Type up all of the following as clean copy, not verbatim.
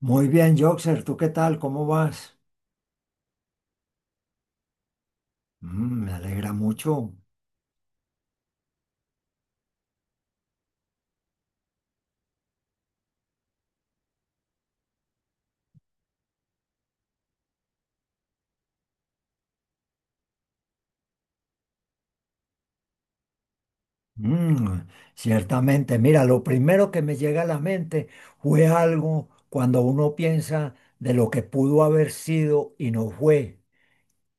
Muy bien, Joxer, ¿tú qué tal? ¿Cómo vas? Mm, me alegra mucho. Mm, ciertamente, mira, lo primero que me llega a la mente fue algo cuando uno piensa de lo que pudo haber sido y no fue,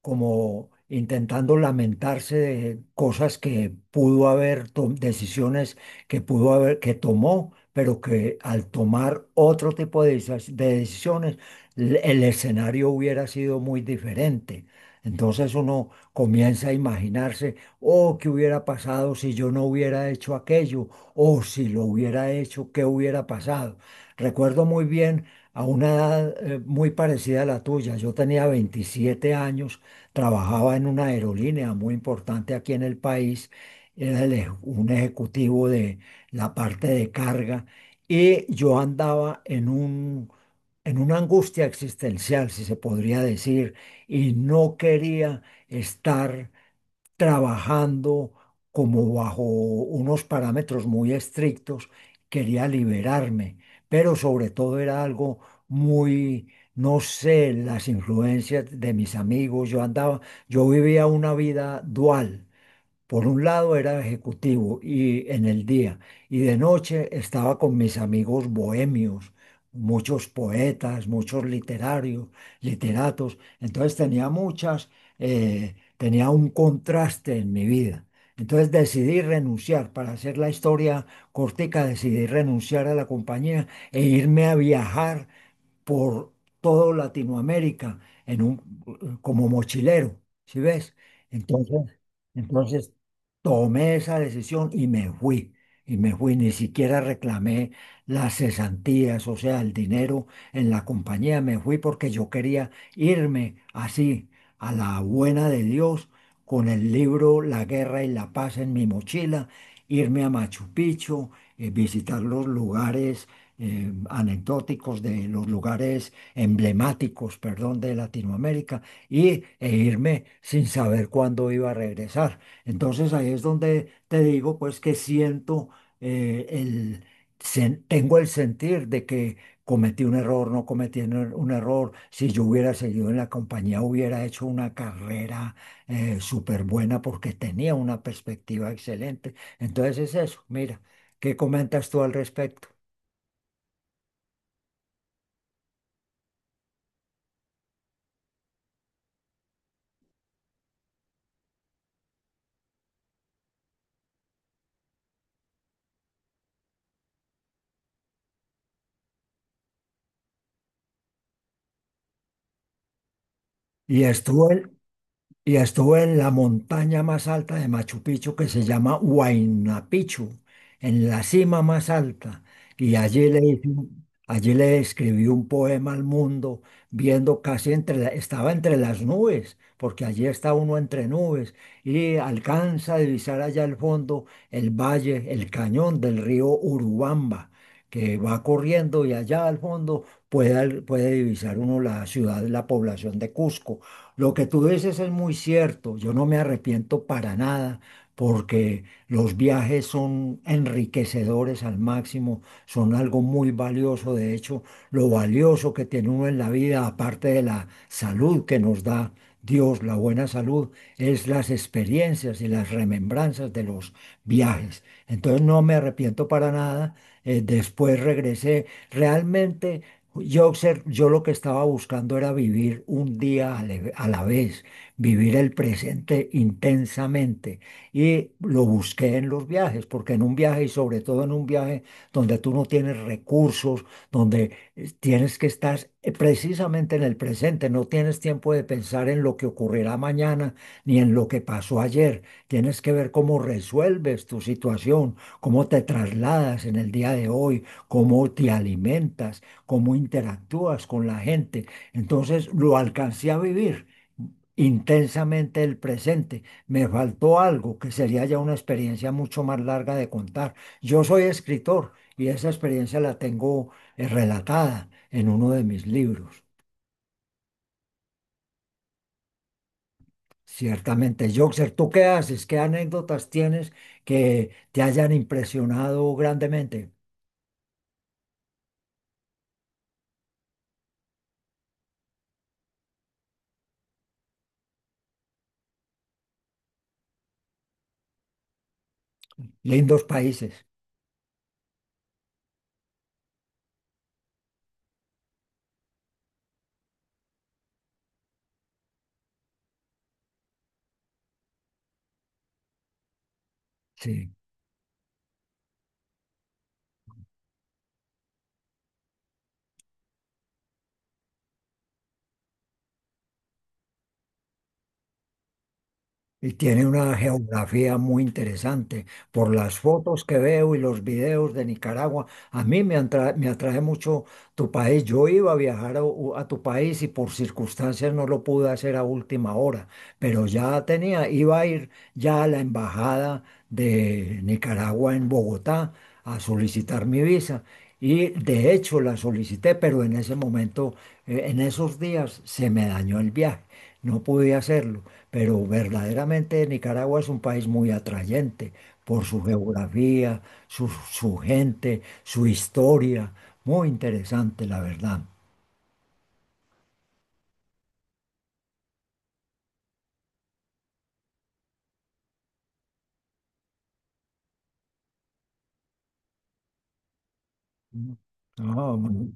como intentando lamentarse de cosas que pudo haber, decisiones que pudo haber, que tomó, pero que al tomar otro tipo de, de decisiones, el escenario hubiera sido muy diferente. Entonces uno comienza a imaginarse, oh, ¿qué hubiera pasado si yo no hubiera hecho aquello? O si lo hubiera hecho, ¿qué hubiera pasado? Recuerdo muy bien a una edad muy parecida a la tuya. Yo tenía 27 años, trabajaba en una aerolínea muy importante aquí en el país, era el un ejecutivo de la parte de carga y yo andaba en en una angustia existencial, si se podría decir, y no quería estar trabajando como bajo unos parámetros muy estrictos, quería liberarme, pero sobre todo era algo muy, no sé, las influencias de mis amigos, yo andaba, yo vivía una vida dual, por un lado era ejecutivo y en el día, y de noche estaba con mis amigos bohemios, muchos poetas, muchos literarios, literatos. Entonces tenía muchas, tenía un contraste en mi vida. Entonces decidí renunciar, para hacer la historia cortica, decidí renunciar a la compañía e irme a viajar por todo Latinoamérica en como mochilero, ¿sí ves? Entonces, entonces tomé esa decisión y me fui, ni siquiera reclamé las cesantías, o sea, el dinero en la compañía, me fui porque yo quería irme así, a la buena de Dios, con el libro La Guerra y la Paz en mi mochila, irme a Machu Picchu, visitar los lugares anecdóticos de los lugares emblemáticos, perdón, de Latinoamérica y, e irme sin saber cuándo iba a regresar. Entonces ahí es donde te digo, pues que siento eh, el... tengo el sentir de que cometí un error, no cometí un un error. Si yo hubiera seguido en la compañía, hubiera hecho una carrera súper buena porque tenía una perspectiva excelente. Entonces es eso. Mira, ¿qué comentas tú al respecto? Y estuvo en, y estuvo en la montaña más alta de Machu Picchu que se llama Huayna Picchu, en la cima más alta. Y allí allí le escribí un poema al mundo, viendo casi entre, estaba entre las nubes, porque allí está uno entre nubes, y alcanza a divisar allá al fondo el valle, el cañón del río Urubamba, que va corriendo, y allá al fondo puede, puede divisar uno la ciudad, la población de Cusco. Lo que tú dices es muy cierto, yo no me arrepiento para nada, porque los viajes son enriquecedores al máximo, son algo muy valioso. De hecho, lo valioso que tiene uno en la vida, aparte de la salud que nos da Dios, la buena salud, es las experiencias y las remembranzas de los viajes. Entonces no me arrepiento para nada. Después regresé. Realmente yo, yo lo que estaba buscando era vivir un día a la vez, vivir el presente intensamente. Y lo busqué en los viajes, porque en un viaje y sobre todo en un viaje donde tú no tienes recursos, donde tienes que estar precisamente en el presente, no tienes tiempo de pensar en lo que ocurrirá mañana ni en lo que pasó ayer. Tienes que ver cómo resuelves tu situación, cómo te trasladas en el día de hoy, cómo te alimentas, cómo interactúas con la gente. Entonces lo alcancé a vivir intensamente el presente. Me faltó algo que sería ya una experiencia mucho más larga de contar. Yo soy escritor y esa experiencia la tengo relatada en uno de mis libros. Ciertamente, Joxer, ¿tú qué haces? ¿Qué anécdotas tienes que te hayan impresionado grandemente? Lindos países. Sí. Y tiene una geografía muy interesante. Por las fotos que veo y los videos de Nicaragua, a mí me atrae mucho tu país. Yo iba a viajar a, a tu país, y por circunstancias no lo pude hacer a última hora, pero ya tenía, iba a ir ya a la embajada de Nicaragua en Bogotá a solicitar mi visa. Y de hecho la solicité, pero en ese momento, en esos días, se me dañó el viaje. No pude hacerlo, pero verdaderamente Nicaragua es un país muy atrayente por su geografía, su gente, su historia. Muy interesante, la verdad. Mm. Ah, muy-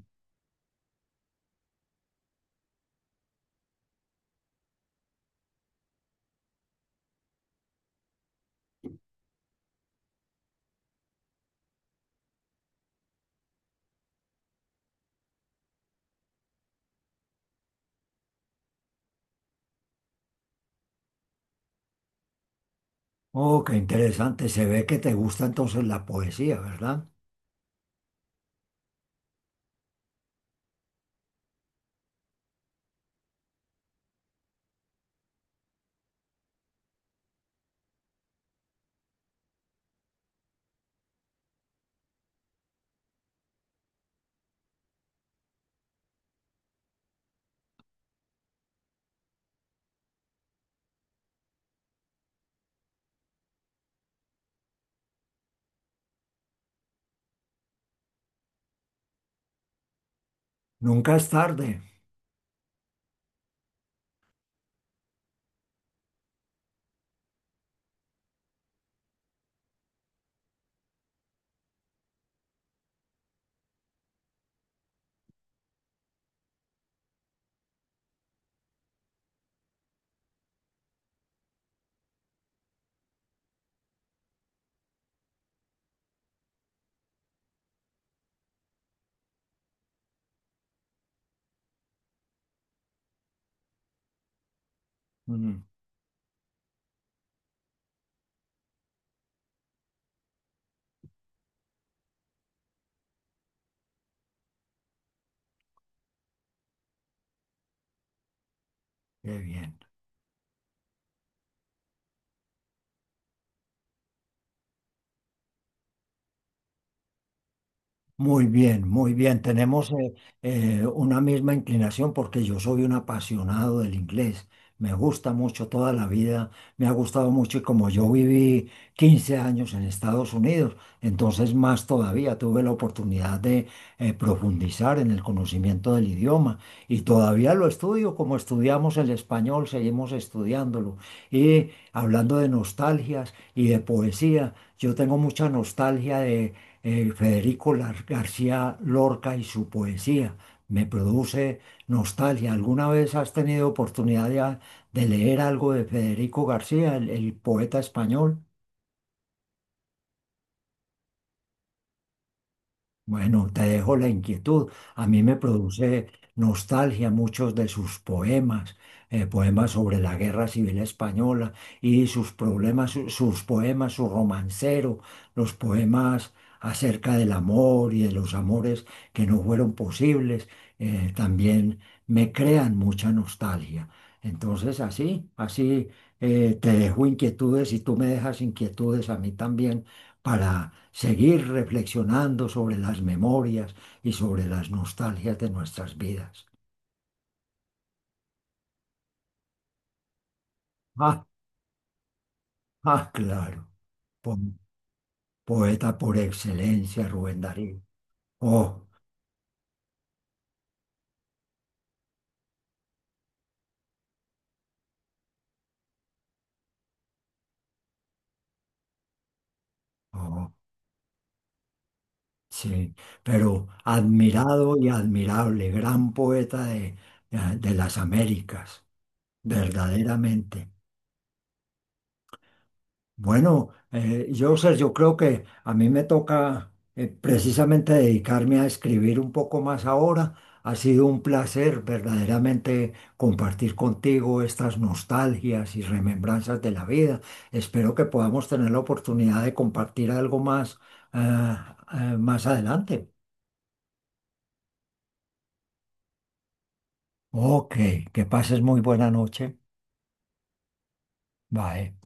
oh, qué interesante. Se ve que te gusta entonces la poesía, ¿verdad? Nunca es tarde. Mm, qué bien. Muy bien, muy bien. Tenemos una misma inclinación porque yo soy un apasionado del inglés. Me gusta mucho toda la vida, me ha gustado mucho, y como yo viví 15 años en Estados Unidos, entonces más todavía tuve la oportunidad de profundizar en el conocimiento del idioma, y todavía lo estudio como estudiamos el español, seguimos estudiándolo. Y hablando de nostalgias y de poesía, yo tengo mucha nostalgia de Federico García Lorca y su poesía. Me produce nostalgia. ¿Alguna vez has tenido oportunidad de leer algo de Federico García, el poeta español? Bueno, te dejo la inquietud. A mí me produce nostalgia muchos de sus poemas, poemas sobre la Guerra Civil Española y sus problemas, sus poemas, su romancero, los poemas acerca del amor y de los amores que no fueron posibles, también me crean mucha nostalgia. Entonces, así, así te dejo inquietudes, y tú me dejas inquietudes a mí también, seguir reflexionando sobre las memorias y sobre las nostalgias de nuestras vidas. Ah, ah, claro, po- poeta por excelencia, Rubén Darío. Oh, oh, sí, pero admirado y admirable, gran poeta de las Américas, verdaderamente. Bueno, yo, sé, yo creo que a mí me toca precisamente dedicarme a escribir un poco más ahora. Ha sido un placer verdaderamente compartir contigo estas nostalgias y remembranzas de la vida. Espero que podamos tener la oportunidad de compartir algo más, ah, ah, más adelante. Ok, que pases muy buena noche. Bye.